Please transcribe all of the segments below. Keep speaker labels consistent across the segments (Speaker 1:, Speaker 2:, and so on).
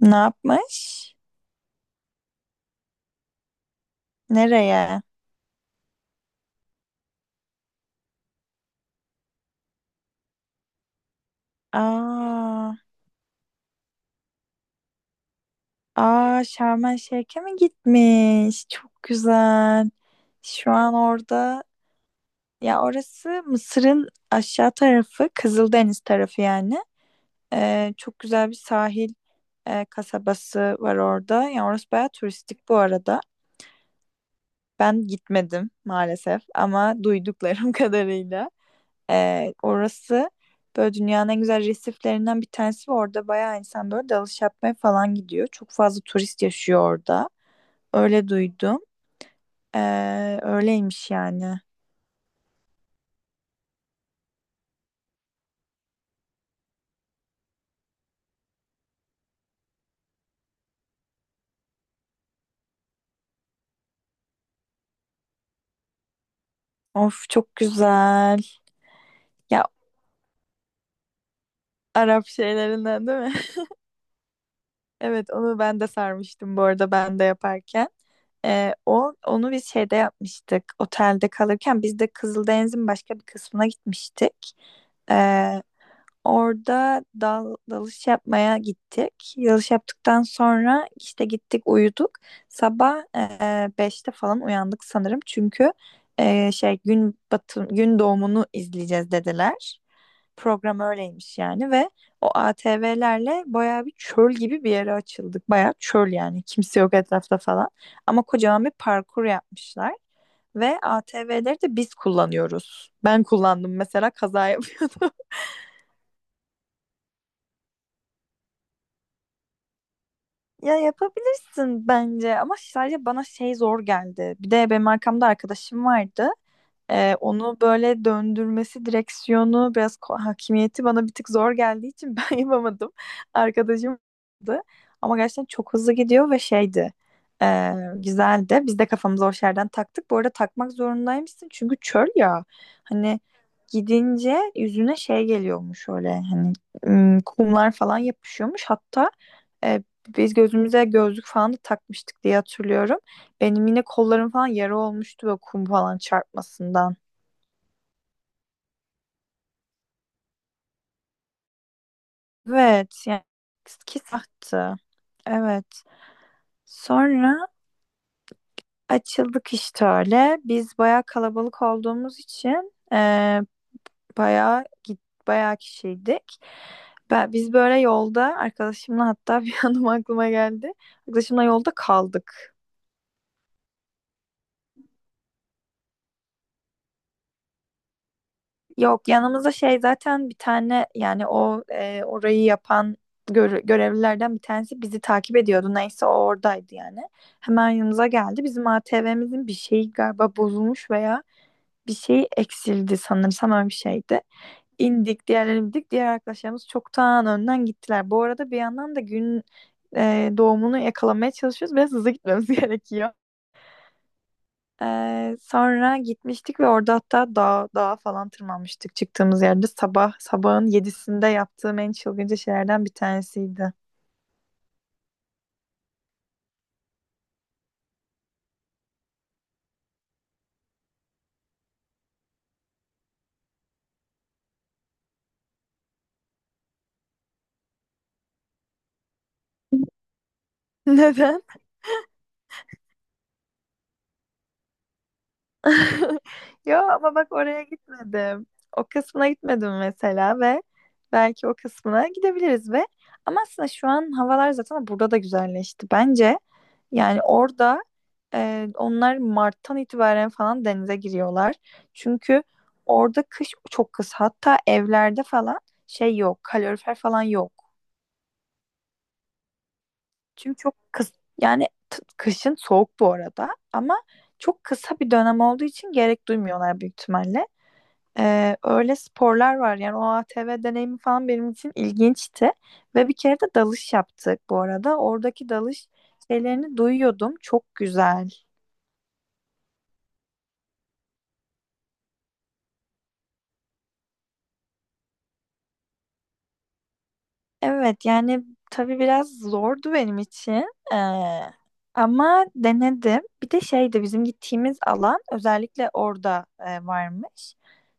Speaker 1: Ne yapmış? Nereye? Aa. Aa, Şarm El Şeyh'e mi gitmiş? Çok güzel. Şu an orada, ya orası Mısır'ın aşağı tarafı, Kızıldeniz tarafı yani. Çok güzel bir sahil kasabası var orada. Yani orası bayağı turistik bu arada. Ben gitmedim maalesef ama duyduklarım kadarıyla. Orası böyle dünyanın en güzel resiflerinden bir tanesi ve orada bayağı insan böyle dalış yapmaya falan gidiyor. Çok fazla turist yaşıyor orada. Öyle duydum. Öyleymiş yani. Of, çok güzel. Ya Arap şeylerinden değil mi? Evet, onu ben de sarmıştım bu arada ben de yaparken. O onu biz şeyde yapmıştık. Otelde kalırken biz de Kızıldeniz'in başka bir kısmına gitmiştik. Ee, Orada dalış yapmaya gittik. Dalış yaptıktan sonra işte gittik uyuduk. Sabah 5'te falan uyandık sanırım. Çünkü şey, gün doğumunu izleyeceğiz dediler. Program öyleymiş yani ve o ATV'lerle bayağı bir çöl gibi bir yere açıldık. Bayağı çöl yani. Kimse yok etrafta falan. Ama kocaman bir parkur yapmışlar. Ve ATV'leri de biz kullanıyoruz. Ben kullandım mesela, kaza yapıyordum. Ya yapabilirsin bence ama sadece bana şey zor geldi. Bir de benim arkamda arkadaşım vardı. Onu böyle döndürmesi, direksiyonu, biraz hakimiyeti bana bir tık zor geldiği için ben yapamadım. Arkadaşım vardı. Ama gerçekten çok hızlı gidiyor ve şeydi. Güzeldi. Biz de kafamıza o şerden taktık. Bu arada takmak zorundaymışsın çünkü çöl ya. Hani gidince yüzüne şey geliyormuş, öyle hani kumlar falan yapışıyormuş. Hatta e, biz gözümüze gözlük falan da takmıştık diye hatırlıyorum. Benim yine kollarım falan yara olmuştu böyle kum falan çarpmasından. Evet yani ki sahtı. Evet. Sonra açıldık işte öyle. Biz bayağı kalabalık olduğumuz için bayağı git bayağı kişiydik. Biz böyle yolda arkadaşımla, hatta bir anım aklıma geldi. Arkadaşımla yolda kaldık. Yok, yanımızda şey zaten bir tane, yani o orayı yapan görevlilerden bir tanesi bizi takip ediyordu. Neyse, o oradaydı yani. Hemen yanımıza geldi. Bizim ATV'mizin bir şeyi galiba bozulmuş veya bir şey eksildi sanırsam, öyle bir şeydi. İndik, diğerleri indik. Diğer arkadaşlarımız çoktan önden gittiler. Bu arada bir yandan da gün doğumunu yakalamaya çalışıyoruz. Biraz hızlı gitmemiz gerekiyor. Sonra gitmiştik ve orada hatta dağa falan tırmanmıştık çıktığımız yerde. Sabahın 7'sinde yaptığım en çılgınca şeylerden bir tanesiydi. Neden? Yo, ama bak oraya gitmedim. O kısmına gitmedim mesela ve belki o kısmına gidebiliriz ve ama aslında şu an havalar zaten burada da güzelleşti. Bence yani orada onlar Mart'tan itibaren falan denize giriyorlar. Çünkü orada kış çok kısa. Hatta evlerde falan şey yok, kalorifer falan yok. Çünkü çok kıs yani kışın soğuk bu arada, ama çok kısa bir dönem olduğu için gerek duymuyorlar büyük ihtimalle. Öyle sporlar var yani, o ATV deneyimi falan benim için ilginçti ve bir kere de dalış yaptık bu arada. Oradaki dalış şeylerini duyuyordum, çok güzel. Evet yani, tabii biraz zordu benim için. Ee, Ama denedim. Bir de şeydi, bizim gittiğimiz alan özellikle, orada varmış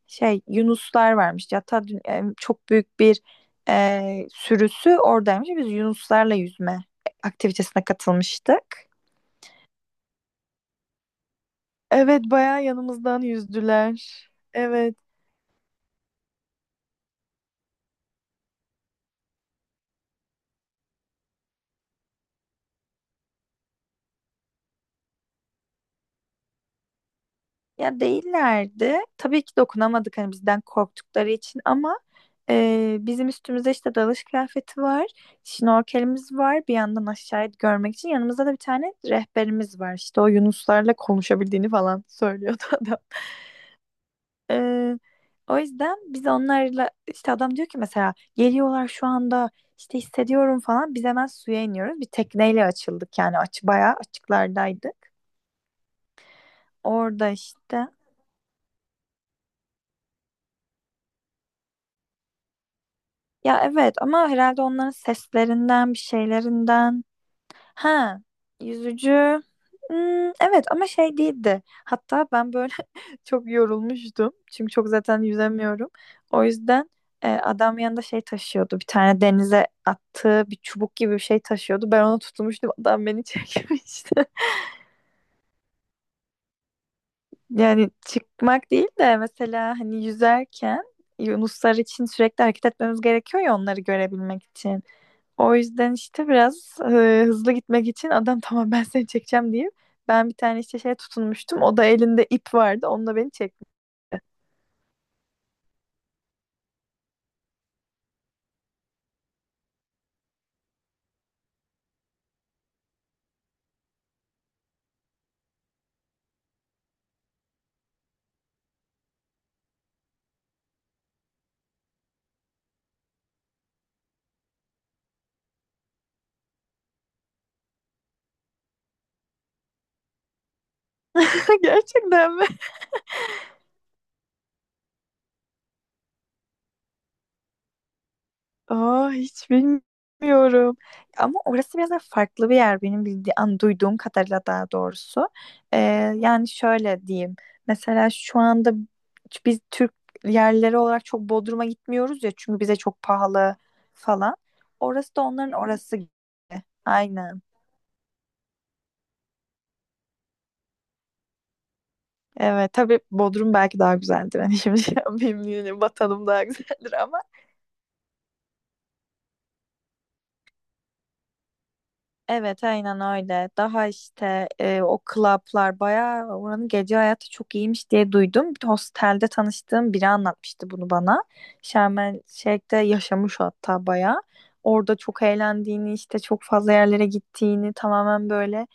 Speaker 1: şey, yunuslar varmış. Hatta çok büyük bir sürüsü oradaymış. Biz yunuslarla yüzme aktivitesine katılmıştık. Evet, bayağı yanımızdan yüzdüler. Evet. Ya değillerdi. Tabii ki dokunamadık hani, bizden korktukları için ama bizim üstümüzde işte dalış kıyafeti var, şnorkelimiz var. Bir yandan aşağıya görmek için yanımızda da bir tane rehberimiz var. İşte o yunuslarla konuşabildiğini falan söylüyordu adam. E, O yüzden biz onlarla işte, adam diyor ki mesela geliyorlar şu anda işte, hissediyorum falan. Biz hemen suya iniyoruz. Bir tekneyle açıldık yani, bayağı açıklardaydık. Orada işte. Ya evet, ama herhalde onların seslerinden, bir şeylerinden. Ha, yüzücü. Hmm, evet ama şey değildi. Hatta ben böyle çok yorulmuştum. Çünkü çok zaten yüzemiyorum. O yüzden adam yanında şey taşıyordu. Bir tane, denize attığı bir çubuk gibi bir şey taşıyordu. Ben onu tutmuştum. Adam beni çekmişti. Yani çıkmak değil de mesela hani yüzerken yunuslar için sürekli hareket etmemiz gerekiyor ya, onları görebilmek için. O yüzden işte biraz hızlı gitmek için adam tamam ben seni çekeceğim diye, ben bir tane işte şeye tutunmuştum. O da elinde ip vardı. Onunla beni çekti. Gerçekten mi? Aa, hiç bilmiyorum. Ama orası biraz da farklı bir yer benim bildiğim, duyduğum kadarıyla daha doğrusu. Ee, Yani şöyle diyeyim. Mesela şu anda biz Türk yerleri olarak çok Bodrum'a gitmiyoruz ya, çünkü bize çok pahalı falan. Orası da onların orası gibi. Aynen. Evet tabii, Bodrum belki daha güzeldir. Hani şimdi şey yapmayayım, yine vatanım daha güzeldir. Evet aynen öyle. Daha işte o klaplar, bayağı oranın gece hayatı çok iyiymiş diye duydum. Bir hostelde tanıştığım biri anlatmıştı bunu bana. Şarm El Şeyh'te yaşamış hatta bayağı. Orada çok eğlendiğini, işte çok fazla yerlere gittiğini, tamamen böyle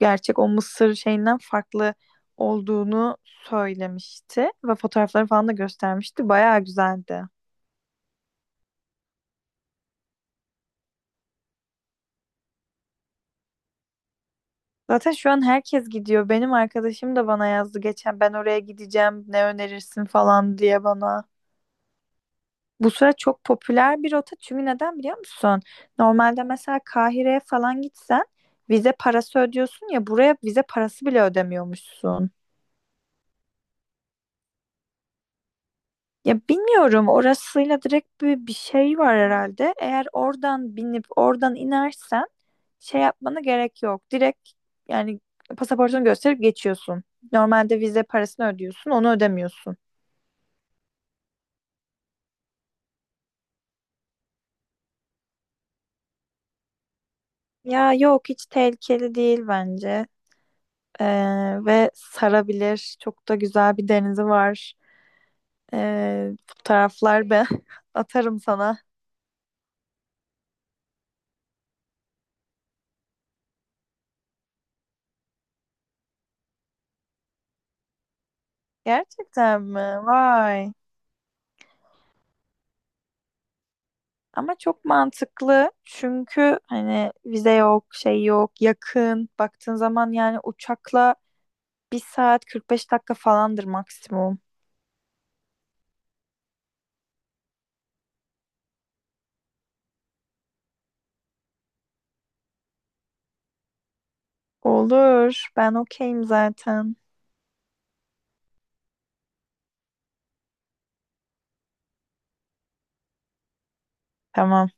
Speaker 1: gerçek o Mısır şeyinden farklı olduğunu söylemişti. Ve fotoğrafları falan da göstermişti. Bayağı güzeldi. Zaten şu an herkes gidiyor. Benim arkadaşım da bana yazdı geçen, ben oraya gideceğim ne önerirsin falan diye bana. Bu sıra çok popüler bir rota, çünkü neden biliyor musun? Normalde mesela Kahire'ye falan gitsen vize parası ödüyorsun ya, buraya vize parası bile ödemiyormuşsun. Ya bilmiyorum, orasıyla direkt bir şey var herhalde. Eğer oradan binip oradan inersen şey yapmana gerek yok. Direkt yani pasaportunu gösterip geçiyorsun. Normalde vize parasını ödüyorsun, onu ödemiyorsun. Ya yok, hiç tehlikeli değil bence. Ve sarabilir. Çok da güzel bir denizi var. Fotoğraflar ben atarım sana. Gerçekten mi? Vay. Ama çok mantıklı çünkü hani vize yok, şey yok, yakın. Baktığın zaman yani uçakla bir saat 45 dakika falandır maksimum. Olur. Ben okeyim zaten. Tamam.